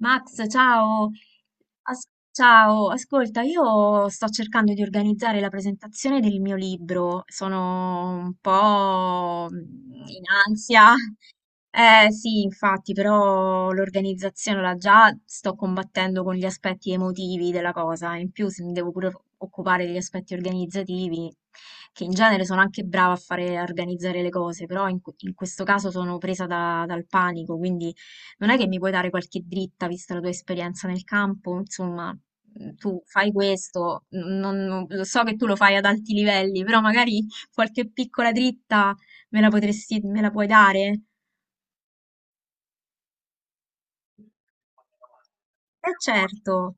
Max, ciao. Ciao, ascolta, io sto cercando di organizzare la presentazione del mio libro, sono un po' in ansia. Eh sì, infatti, però l'organizzazione la già sto combattendo con gli aspetti emotivi della cosa, in più se mi devo pure occupare degli aspetti organizzativi, che in genere sono anche brava a fare, a organizzare le cose, però in questo caso sono presa dal panico, quindi. Non è che mi puoi dare qualche dritta, vista la tua esperienza nel campo? Insomma, tu fai questo, lo so che tu lo fai ad alti livelli, però magari qualche piccola dritta me la puoi dare? Eh certo,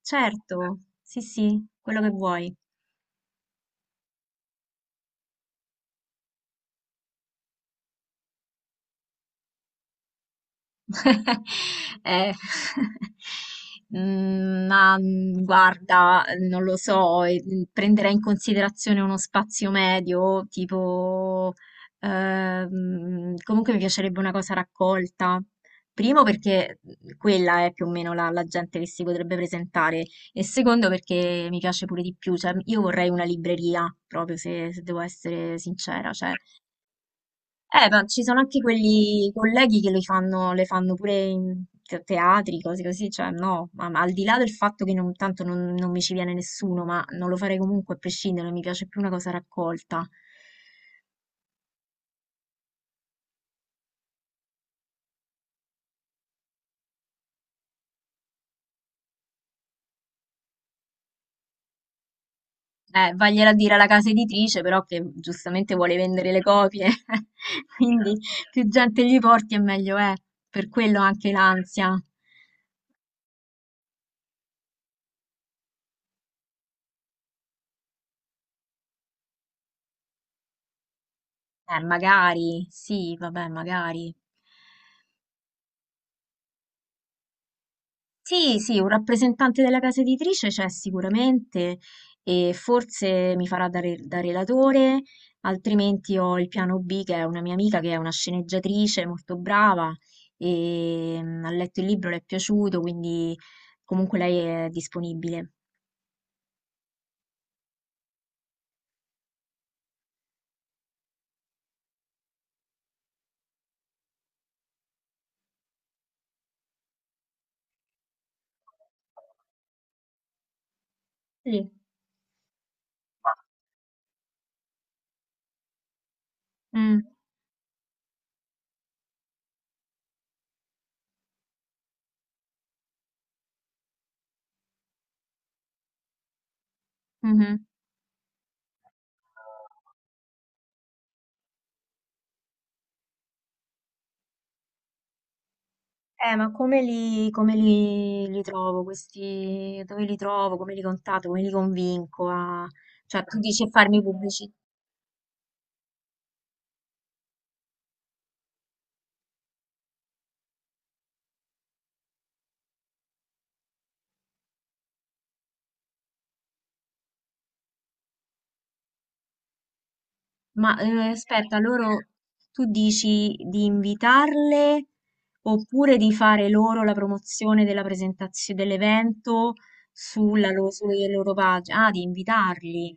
certo, sì sì, quello che vuoi. Eh, guarda, non lo so, prenderei in considerazione uno spazio medio, tipo, comunque mi piacerebbe una cosa raccolta. Primo perché quella è più o meno la gente che si potrebbe presentare e secondo perché mi piace pure di più, cioè io vorrei una libreria, proprio se devo essere sincera, cioè ma ci sono anche quelli colleghi che le fanno pure in teatri, cose così, cioè no, ma al di là del fatto che non, tanto non, non mi ci viene nessuno, ma non lo farei comunque a prescindere, mi piace più una cosa raccolta. Vagliela a dire alla casa editrice, però che giustamente vuole vendere le copie, quindi più gente gli porti e meglio è, per quello anche l'ansia. Magari, sì, vabbè, magari. Sì, sì, un rappresentante della casa editrice c'è sicuramente e forse mi farà da relatore, altrimenti ho il piano B che è una mia amica che è una sceneggiatrice molto brava e ha letto il libro, le è piaciuto, quindi comunque lei è disponibile. Lì. Mm, mhm. Ma li trovo questi, dove li trovo, come li contatto, come li convinco a... Cioè, tu dici a farmi pubblicità? Ma aspetta, loro tu dici di invitarle oppure di fare loro la promozione della presentazione dell'evento sulle loro pagine? Ah, di invitarli.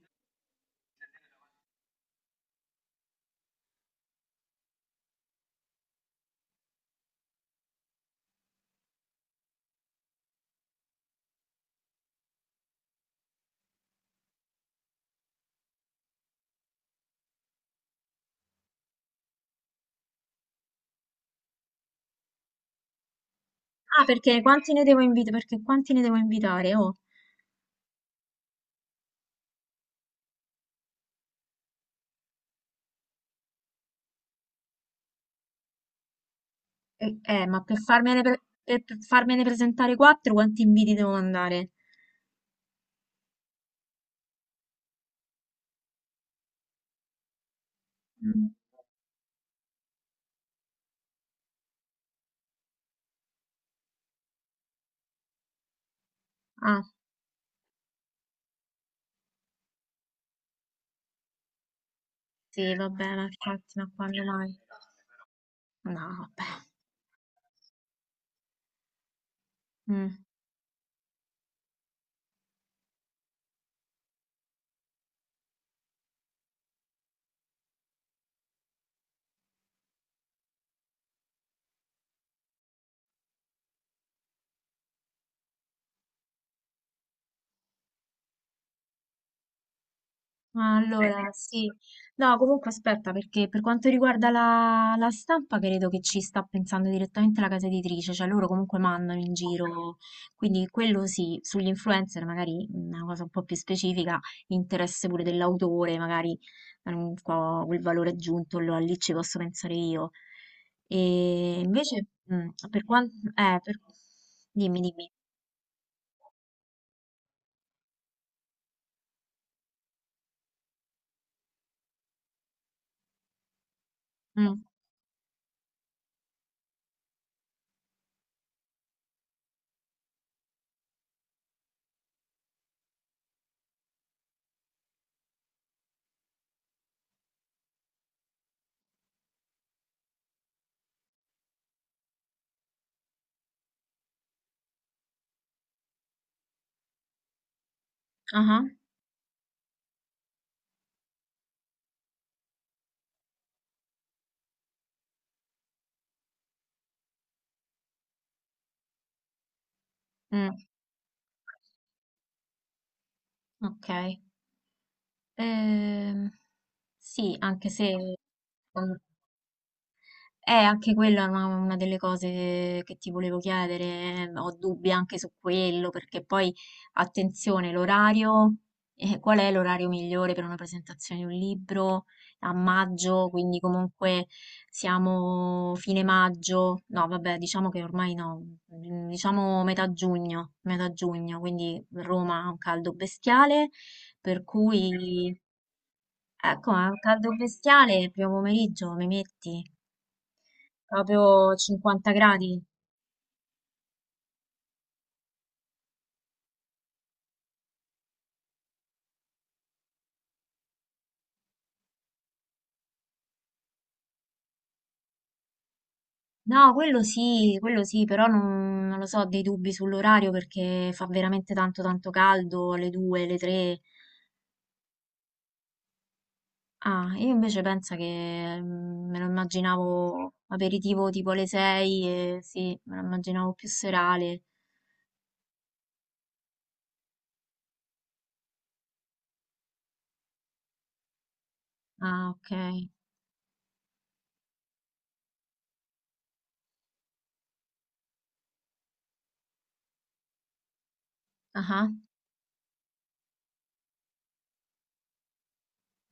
Ah, perché quanti ne devo invitare? Perché quanti ne devo invitare? Oh, ma per farmene presentare quattro, quanti inviti devo mandare? Mm. Ah, sì, vabbè, ma infatti, ma quando mai? No, vabbè. Mm. Ma allora, bene, sì. No, comunque aspetta, perché per quanto riguarda la stampa, credo che ci sta pensando direttamente la casa editrice, cioè loro comunque mandano in giro, quindi quello sì, sugli influencer magari una cosa un po' più specifica, interesse pure dell'autore, magari qua quel valore aggiunto, allora lì ci posso pensare io. E invece, per quanto... per... Dimmi, dimmi. Mm, aha, mm, ok. Ehm, sì, anche se um, è anche quella una delle cose che ti volevo chiedere, ho dubbi anche su quello, perché poi, attenzione, l'orario, qual è l'orario migliore per una presentazione di un libro? A maggio, quindi comunque siamo fine maggio, no, vabbè, diciamo che ormai no, diciamo metà giugno, quindi Roma ha un caldo bestiale, per cui... Ecco, ma un caldo bestiale, primo pomeriggio, mi metti proprio 50 gradi. No, quello sì, però non, non lo so, ho dei dubbi sull'orario perché fa veramente tanto tanto caldo, alle 2, alle 3. Ah, io invece penso che me lo immaginavo aperitivo tipo alle 6, e sì, me lo immaginavo più serale. Ah, ok. Ah, ah.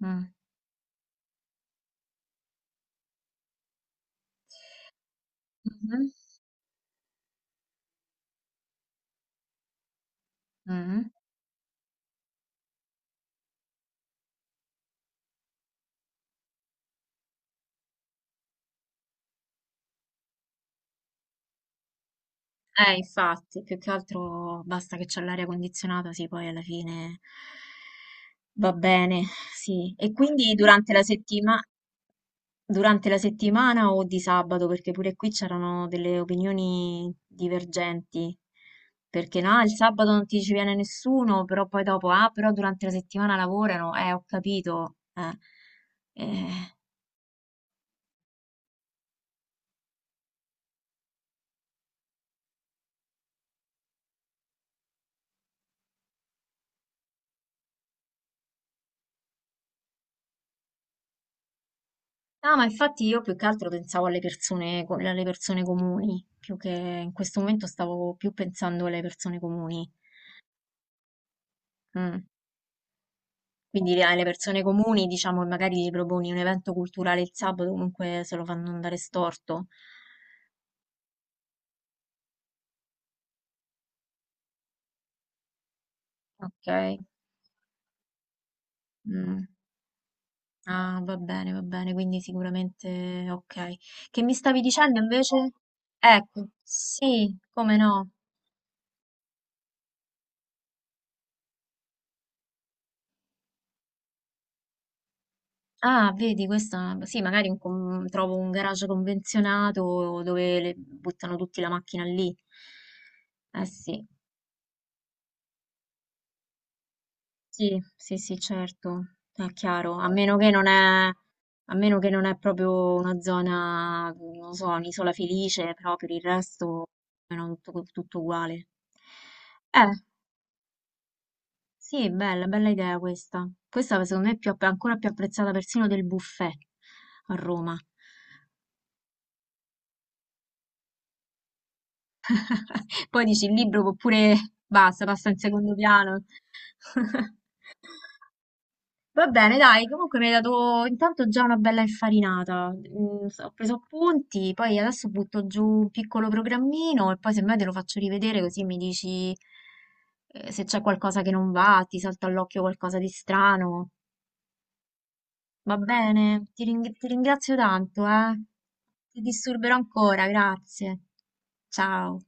Mm. Mhm. Mhm. Infatti, più che altro basta che c'è l'aria condizionata, sì, poi alla fine va bene, sì. E quindi durante la durante la settimana o di sabato, perché pure qui c'erano delle opinioni divergenti, perché no, il sabato non ti ci viene nessuno, però poi dopo, ah, però durante la settimana lavorano, ho capito, eh. Eh. No, ma infatti io più che altro pensavo alle persone, alle persone comuni, più che in questo momento stavo più pensando alle persone comuni. Mm. Quindi alle persone comuni, diciamo, e magari gli proponi un evento culturale il sabato, comunque se lo fanno andare storto. Ok. Mm. Ah, va bene, quindi sicuramente ok. Che mi stavi dicendo invece? Ecco, sì, come no. Ah, vedi, questa sì, magari un trovo un garage convenzionato dove buttano tutti la macchina lì. Eh sì, sì, certo, è chiaro. A meno che non è, a meno che non è proprio una zona, non lo so, un'isola felice, però per il resto è tutto, tutto uguale. Eh, sì, bella, bella idea questa. Questa secondo me è più ancora più apprezzata persino del buffet a Roma. Poi dici il libro può pure basta, passa in secondo piano. Va bene, dai, comunque mi hai dato intanto già una bella infarinata. Ho preso appunti, poi adesso butto giù un piccolo programmino e poi semmai te lo faccio rivedere così mi dici se c'è qualcosa che non va, ti salta all'occhio qualcosa di strano. Va bene, ti ringrazio tanto, eh. Ti disturberò ancora, grazie. Ciao.